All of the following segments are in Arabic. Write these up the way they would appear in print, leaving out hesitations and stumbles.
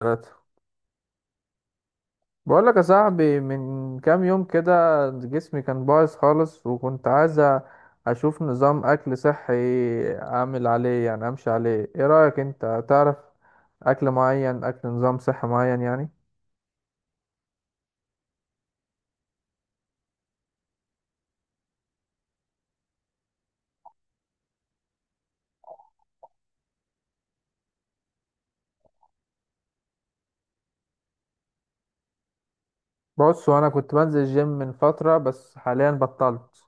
ثلاثة. بقول لك يا صاحبي، من كام يوم كده جسمي كان بايظ خالص، وكنت عايز اشوف نظام اكل صحي اعمل عليه، يعني امشي عليه. ايه رأيك، انت تعرف اكل معين، اكل نظام صحي معين يعني؟ بص، وانا كنت بنزل جيم من فترة بس حاليا بطلت،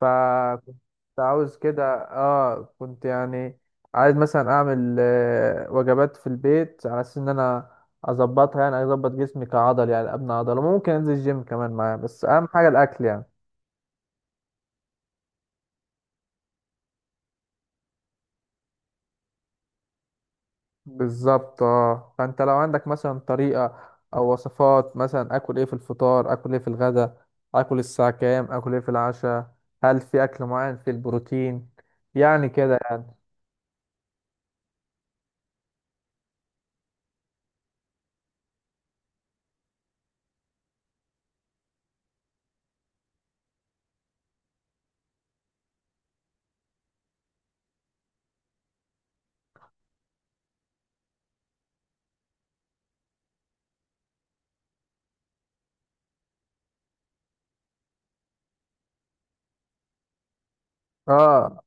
فكنت عاوز كده. اه كنت يعني عايز مثلا اعمل وجبات في البيت على اساس ان انا اظبطها، يعني اظبط جسمي كعضل، يعني ابني عضله. ممكن انزل الجيم كمان معاه، بس اهم حاجه الاكل يعني. بالظبط. اه، فانت لو عندك مثلا طريقه او وصفات، مثلا اكل ايه في الفطار، اكل ايه في الغداء، اكل الساعه كام، اكل ايه في العشاء، هل في اكل معين في البروتين، يعني كده يعني. اه،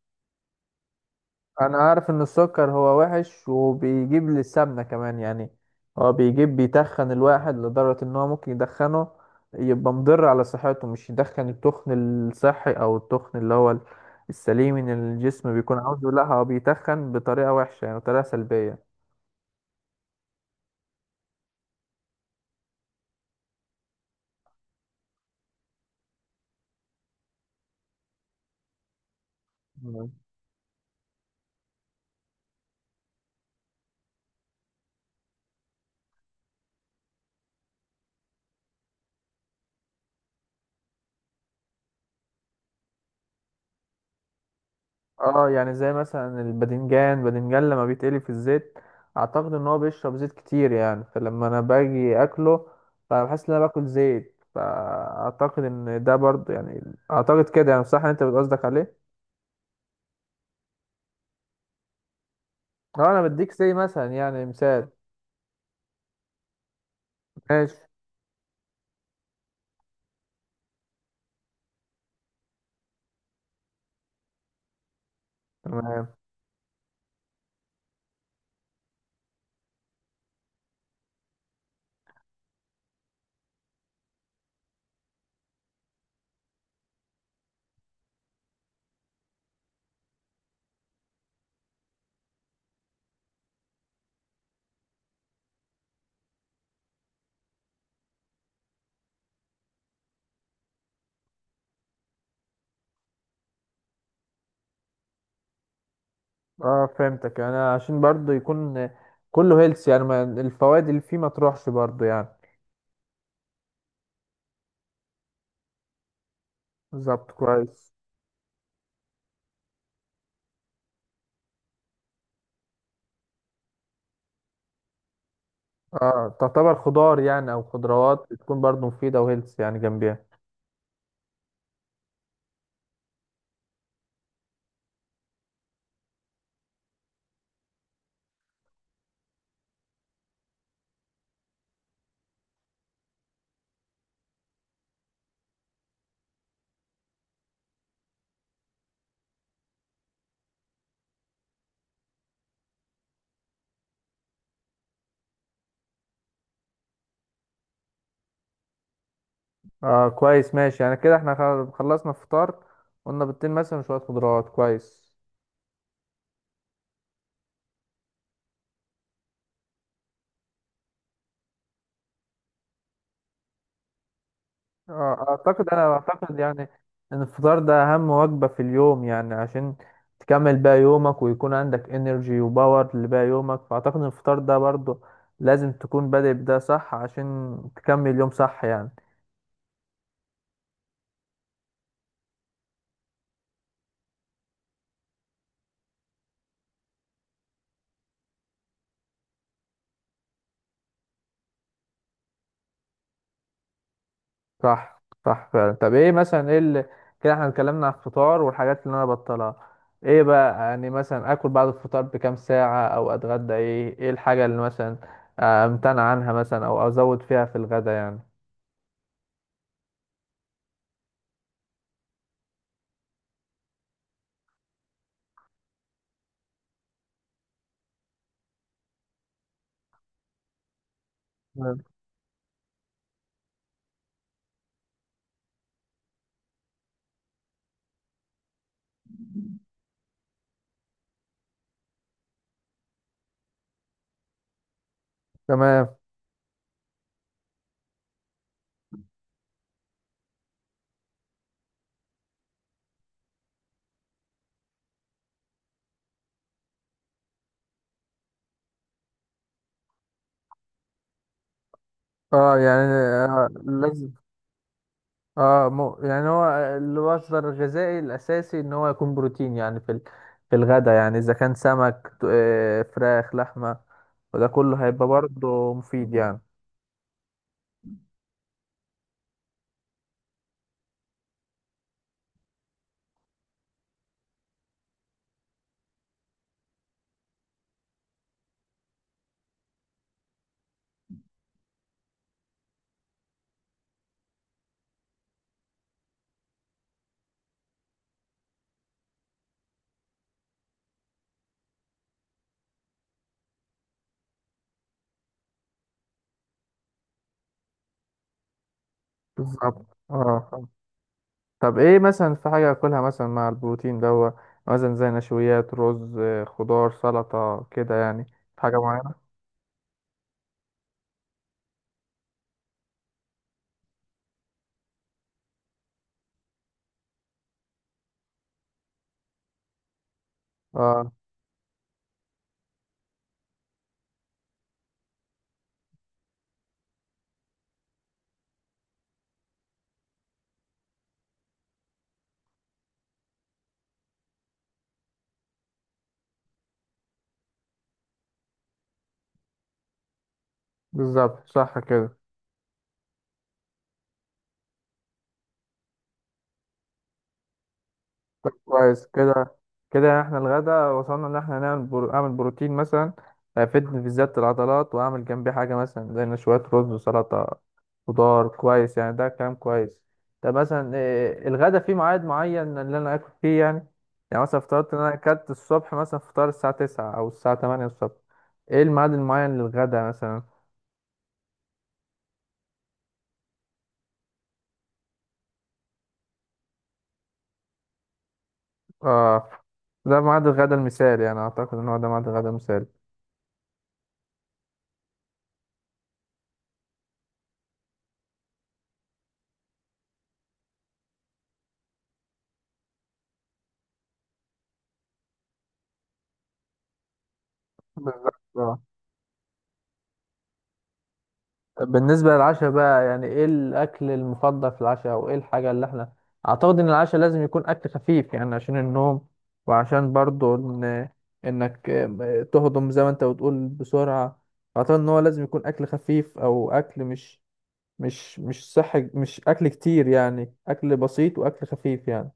انا عارف ان السكر هو وحش وبيجيب للسمنة كمان يعني، هو بيجيب بيتخن الواحد لدرجة ان هو ممكن يدخنه، يبقى مضر على صحته. مش يدخن التخن الصحي او التخن اللي هو السليم ان الجسم بيكون عاوزه، لا، هو بيتخن بطريقة وحشة يعني، بطريقة سلبية. اه، يعني زي مثلا الباذنجان لما بيتقلي في الزيت، اعتقد ان هو بيشرب زيت كتير يعني، فلما انا باجي اكله فبحس ان انا باكل زيت. فاعتقد ان ده برضه يعني، اعتقد كده يعني. صح، انت بتقصدك عليه. اه، انا بديك زي مثلا يعني مثال. ماشي. تمام. اه فهمتك، انا عشان برضه يكون كله هيلث يعني، ما الفوائد اللي فيه ما تروحش برضه يعني. بالظبط، كويس. اه، تعتبر خضار يعني او خضروات، بتكون برضه مفيدة وهيلث يعني جنبيها. اه كويس، ماشي. يعني كده احنا خلصنا فطار، قلنا بيضتين مثلا وشوية خضروات، كويس. اه، اعتقد يعني ان الفطار ده اهم وجبة في اليوم، يعني عشان تكمل بقى يومك ويكون عندك انرجي وباور لباقي يومك. فاعتقد ان الفطار ده برضو لازم تكون بادئ بده صح، عشان تكمل يوم صح يعني. صح، صح، فعلا. طب ايه مثلا، ايه اللي، كده احنا اتكلمنا على الفطار والحاجات اللي انا بطلها، ايه بقى يعني مثلا اكل بعد الفطار بكام ساعة، او اتغدى ايه؟ ايه الحاجة اللي مثلا امتنع عنها مثلا، او ازود فيها في الغدا يعني؟ تمام. تمام. اه يعني، آه لازم، اه، مو يعني، هو المصدر الغذائي الاساسي ان هو يكون بروتين يعني في في الغداء يعني، اذا كان سمك، فراخ، لحمه، وده كله هيبقى برضه مفيد يعني. بالظبط. اه، طب ايه مثلا، في حاجة اكلها مثلا مع البروتين دوا، مثلا زي نشويات رز، خضار، سلطة، كده يعني؟ في حاجة معينة؟ اه. بالظبط، صح كده. طب كويس كده، كده يعني احنا الغدا وصلنا ان احنا اعمل بروتين مثلا هيفيدني في زيادة العضلات، واعمل جنبي حاجة مثلا زي إن شوية رز وسلطة خضار، كويس يعني. ده كلام كويس. طب مثلا إيه الغدا، فيه ميعاد معين اللي انا اكل فيه يعني؟ يعني مثلا فطرت ان انا اكلت الصبح مثلا فطار الساعة 9 او الساعة 8 الصبح، ايه الميعاد المعين للغدا مثلا؟ اه، ده ميعاد الغدا المثالي يعني، اعتقد ان هو ده ميعاد الغدا المثالي. بالظبط. طب بالنسبة للعشاء بقى، يعني ايه الأكل المفضل في العشاء، أو ايه الحاجة اللي احنا، أعتقد إن العشاء لازم يكون أكل خفيف يعني عشان النوم، وعشان برضو إن إنك تهضم زي ما أنت بتقول بسرعة. أعتقد إن هو لازم يكون أكل خفيف، أو أكل مش صحي، مش أكل كتير يعني، أكل بسيط وأكل خفيف يعني.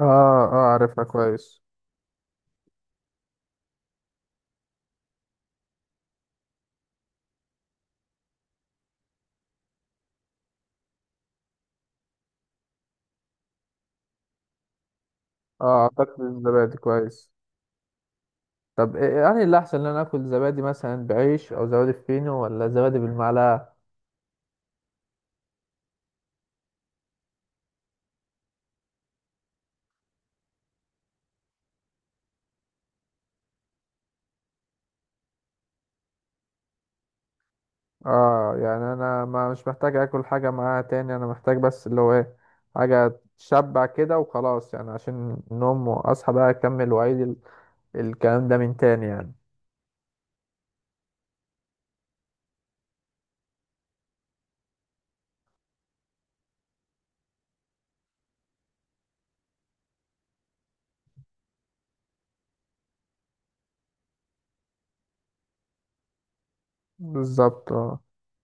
اه. اه، عارفها كويس. اه، اعتقد الزبادي كويس. طب يعني اللي أحسن إن أنا آكل زبادي مثلا بعيش، أو زبادي فينو، ولا زبادي بالمعلقة؟ اه يعني، انا ما مش محتاج اكل حاجة معاها تاني، انا محتاج بس اللي هو ايه، حاجة تشبع كده وخلاص يعني، عشان النوم واصحى بقى اكمل واعيد الكلام ده من تاني يعني. بالظبط. اه،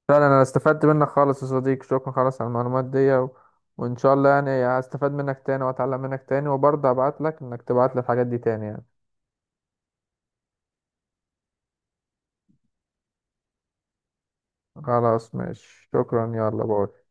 فعلا انا استفدت منك خالص يا صديقي، شكرا خالص على المعلومات دي وان شاء الله يعني هستفاد منك تاني واتعلم منك تاني، وبرضه ابعت لك انك تبعت لي الحاجات دي تاني يعني. خلاص، ماشي، شكرا، يلا باي.